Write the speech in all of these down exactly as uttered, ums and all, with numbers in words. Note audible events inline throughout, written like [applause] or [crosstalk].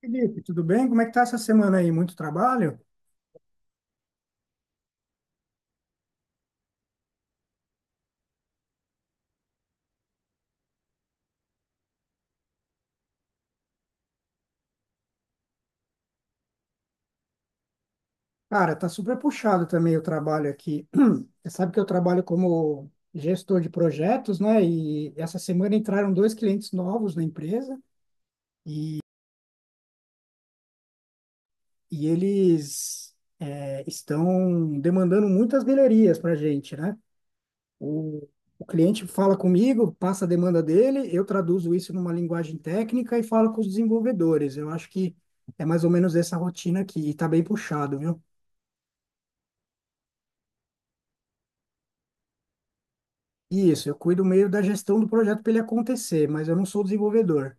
Felipe, tudo bem? Como é que tá essa semana aí? Muito trabalho? Cara, tá super puxado também o trabalho aqui. [clears throat] Você sabe que eu trabalho como gestor de projetos, né? E essa semana entraram dois clientes novos na empresa e eles é, estão demandando muitas galerias para a gente, né? O, o cliente fala comigo, passa a demanda dele, eu traduzo isso numa linguagem técnica e falo com os desenvolvedores. Eu acho que é mais ou menos essa rotina aqui e tá bem puxado, viu? Isso, eu cuido meio da gestão do projeto para ele acontecer, mas eu não sou desenvolvedor.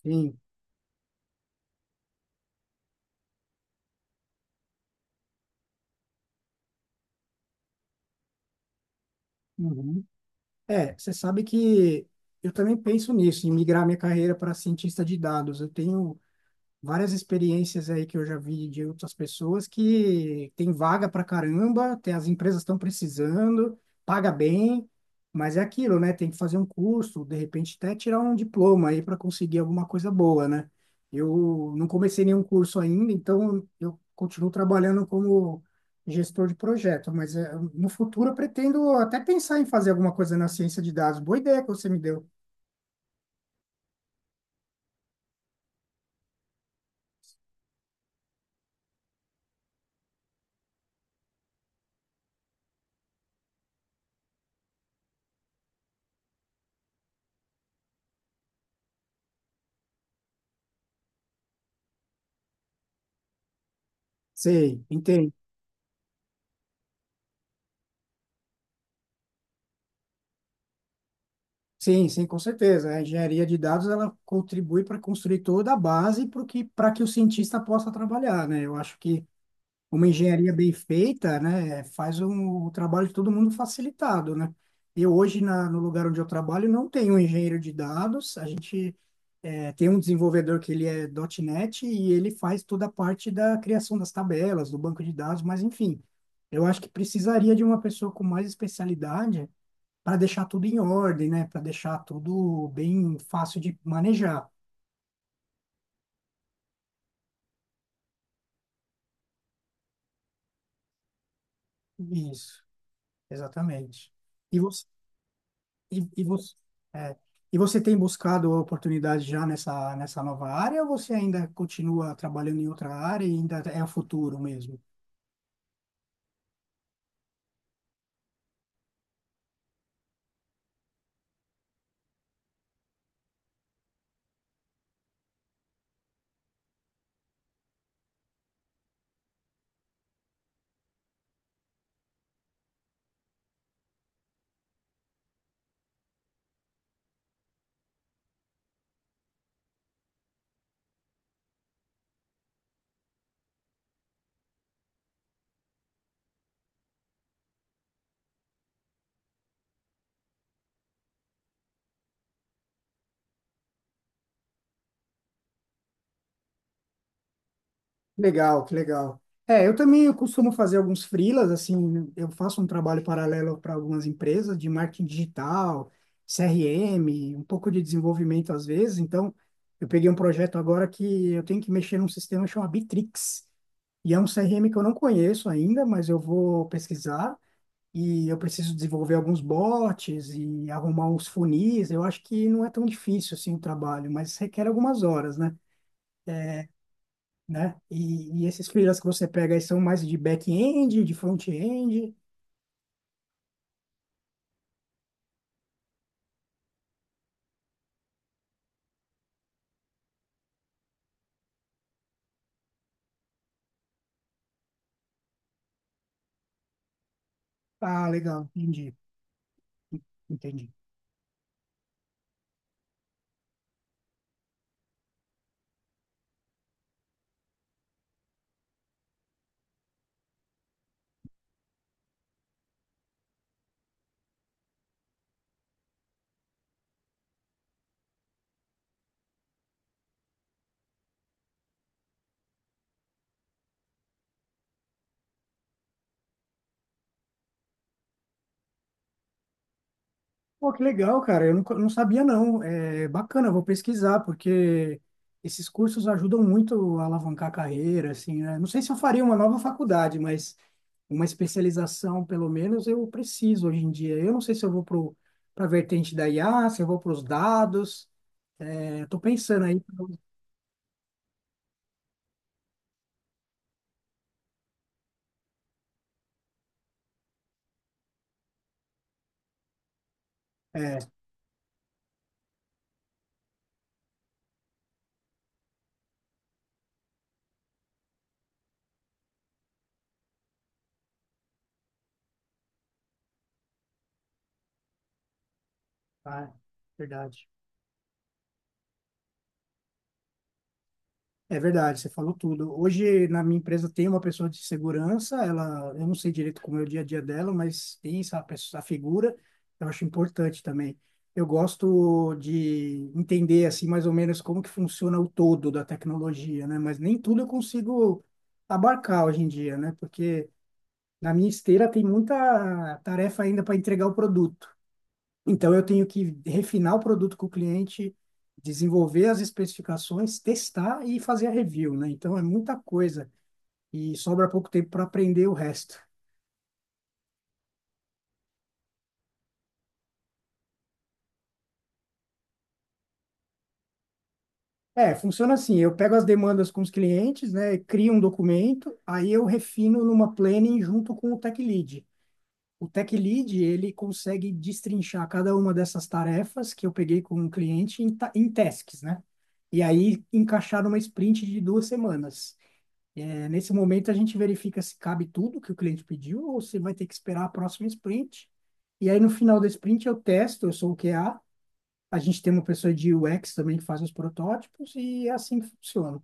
Sim. Uhum. É, você sabe que eu também penso nisso, em migrar minha carreira para cientista de dados. Eu tenho várias experiências aí que eu já vi de outras pessoas que tem vaga pra caramba, tem, as empresas estão precisando, paga bem, mas é aquilo, né? Tem que fazer um curso, de repente até tirar um diploma aí para conseguir alguma coisa boa, né? Eu não comecei nenhum curso ainda, então eu continuo trabalhando como gestor de projeto, mas eh, no futuro eu pretendo até pensar em fazer alguma coisa na ciência de dados. Boa ideia que você me deu. Sei, entendo. Sim, sim, com certeza. A engenharia de dados ela contribui para construir toda a base para que, para que o cientista possa trabalhar, né? Eu acho que uma engenharia bem feita, né, faz um, o trabalho de todo mundo facilitado, né? Eu hoje, na, no lugar onde eu trabalho, não tenho um engenheiro de dados. A gente eh, tem um desenvolvedor que ele é ponto .NET e ele faz toda a parte da criação das tabelas, do banco de dados, mas enfim, eu acho que precisaria de uma pessoa com mais especialidade para deixar tudo em ordem, né? Para deixar tudo bem fácil de manejar. Isso, exatamente. E você, e, e você, é, e você tem buscado oportunidade já nessa, nessa nova área ou você ainda continua trabalhando em outra área e ainda é o futuro mesmo? Legal, que legal. É, eu também eu costumo fazer alguns freelas, assim, eu faço um trabalho paralelo para algumas empresas de marketing digital, C R M, um pouco de desenvolvimento às vezes. Então, eu peguei um projeto agora que eu tenho que mexer num sistema chamado Bitrix. E é um C R M que eu não conheço ainda, mas eu vou pesquisar e eu preciso desenvolver alguns bots e arrumar uns funis. Eu acho que não é tão difícil assim o trabalho, mas requer algumas horas, né? né? E, e esses freelas que você pega aí são mais de back-end, de front-end. Ah, legal, entendi, entendi. Pô, que legal, cara. Eu não, não sabia, não. É bacana, eu vou pesquisar, porque esses cursos ajudam muito a alavancar a carreira, assim, né? Não sei se eu faria uma nova faculdade, mas uma especialização, pelo menos, eu preciso hoje em dia. Eu não sei se eu vou pro, para a vertente da I A, se eu vou para os dados. É, eu tô pensando aí. Ah, verdade. É verdade, você falou tudo. Hoje, na minha empresa, tem uma pessoa de segurança, ela, eu não sei direito como é o dia a dia dela, mas tem essa pessoa, essa figura, eu acho importante também. Eu gosto de entender, assim, mais ou menos como que funciona o todo da tecnologia, né? Mas nem tudo eu consigo abarcar hoje em dia, né? Porque na minha esteira tem muita tarefa ainda para entregar o produto. Então, eu tenho que refinar o produto com o cliente, desenvolver as especificações, testar e fazer a review, né? Então, é muita coisa e sobra pouco tempo para aprender o resto. É, funciona assim, eu pego as demandas com os clientes, né, crio um documento, aí eu refino numa planning junto com o Tech Lead. O Tech Lead, ele consegue destrinchar cada uma dessas tarefas que eu peguei com o cliente em, ta- em tasks, né? E aí encaixar numa sprint de duas semanas. É, nesse momento, a gente verifica se cabe tudo que o cliente pediu ou se vai ter que esperar a próxima sprint. E aí, no final da sprint, eu testo, eu sou o Q A. A A gente tem uma pessoa de U X também que faz os protótipos e é assim que funciona.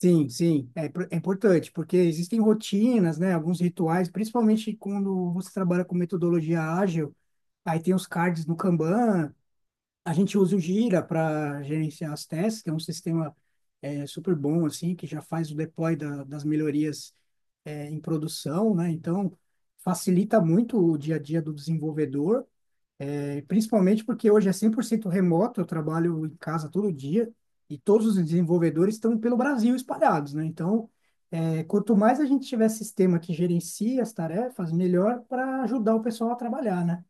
Sim, sim, é, pro- é importante, porque existem rotinas, né, alguns rituais, principalmente quando você trabalha com metodologia ágil, aí tem os cards no Kanban, a gente usa o Jira para gerenciar as testes, que é um sistema é, super bom, assim, que já faz o deploy da- das melhorias é, em produção, né? Então, facilita muito o dia a dia do desenvolvedor, é, principalmente porque hoje é cem por cento remoto, eu trabalho em casa todo dia e todos os desenvolvedores estão pelo Brasil espalhados, né? Então, é, quanto mais a gente tiver sistema que gerencie as tarefas, melhor para ajudar o pessoal a trabalhar, né?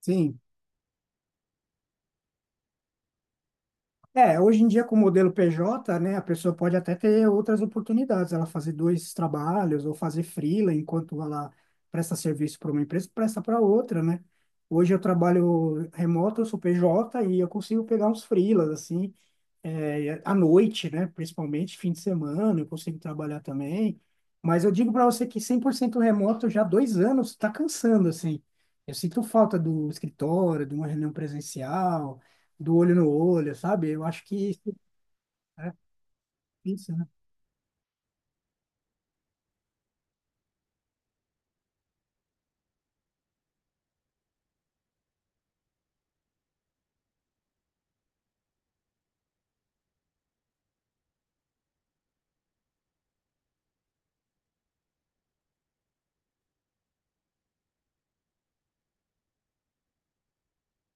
Sim, é, hoje em dia com o modelo P J, né, a pessoa pode até ter outras oportunidades, ela fazer dois trabalhos ou fazer freela enquanto ela presta serviço para uma empresa, presta para outra, né? Hoje eu trabalho remoto, eu sou P J e eu consigo pegar uns freelas assim, é, à noite, né? Principalmente fim de semana, eu consigo trabalhar também. Mas eu digo para você que cem por cento remoto já há dois anos está cansando, assim. Eu sinto falta do escritório, de uma reunião presencial, do olho no olho, sabe? Eu acho que isso, é isso, né?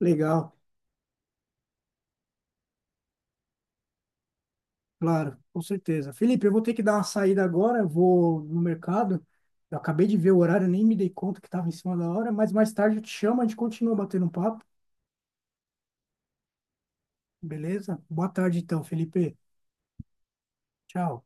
Legal, claro, com certeza. Felipe, eu vou ter que dar uma saída agora, eu vou no mercado. Eu acabei de ver o horário, nem me dei conta que estava em cima da hora, mas mais tarde eu te chamo, a gente continua batendo um papo, beleza? Boa tarde então, Felipe. Tchau.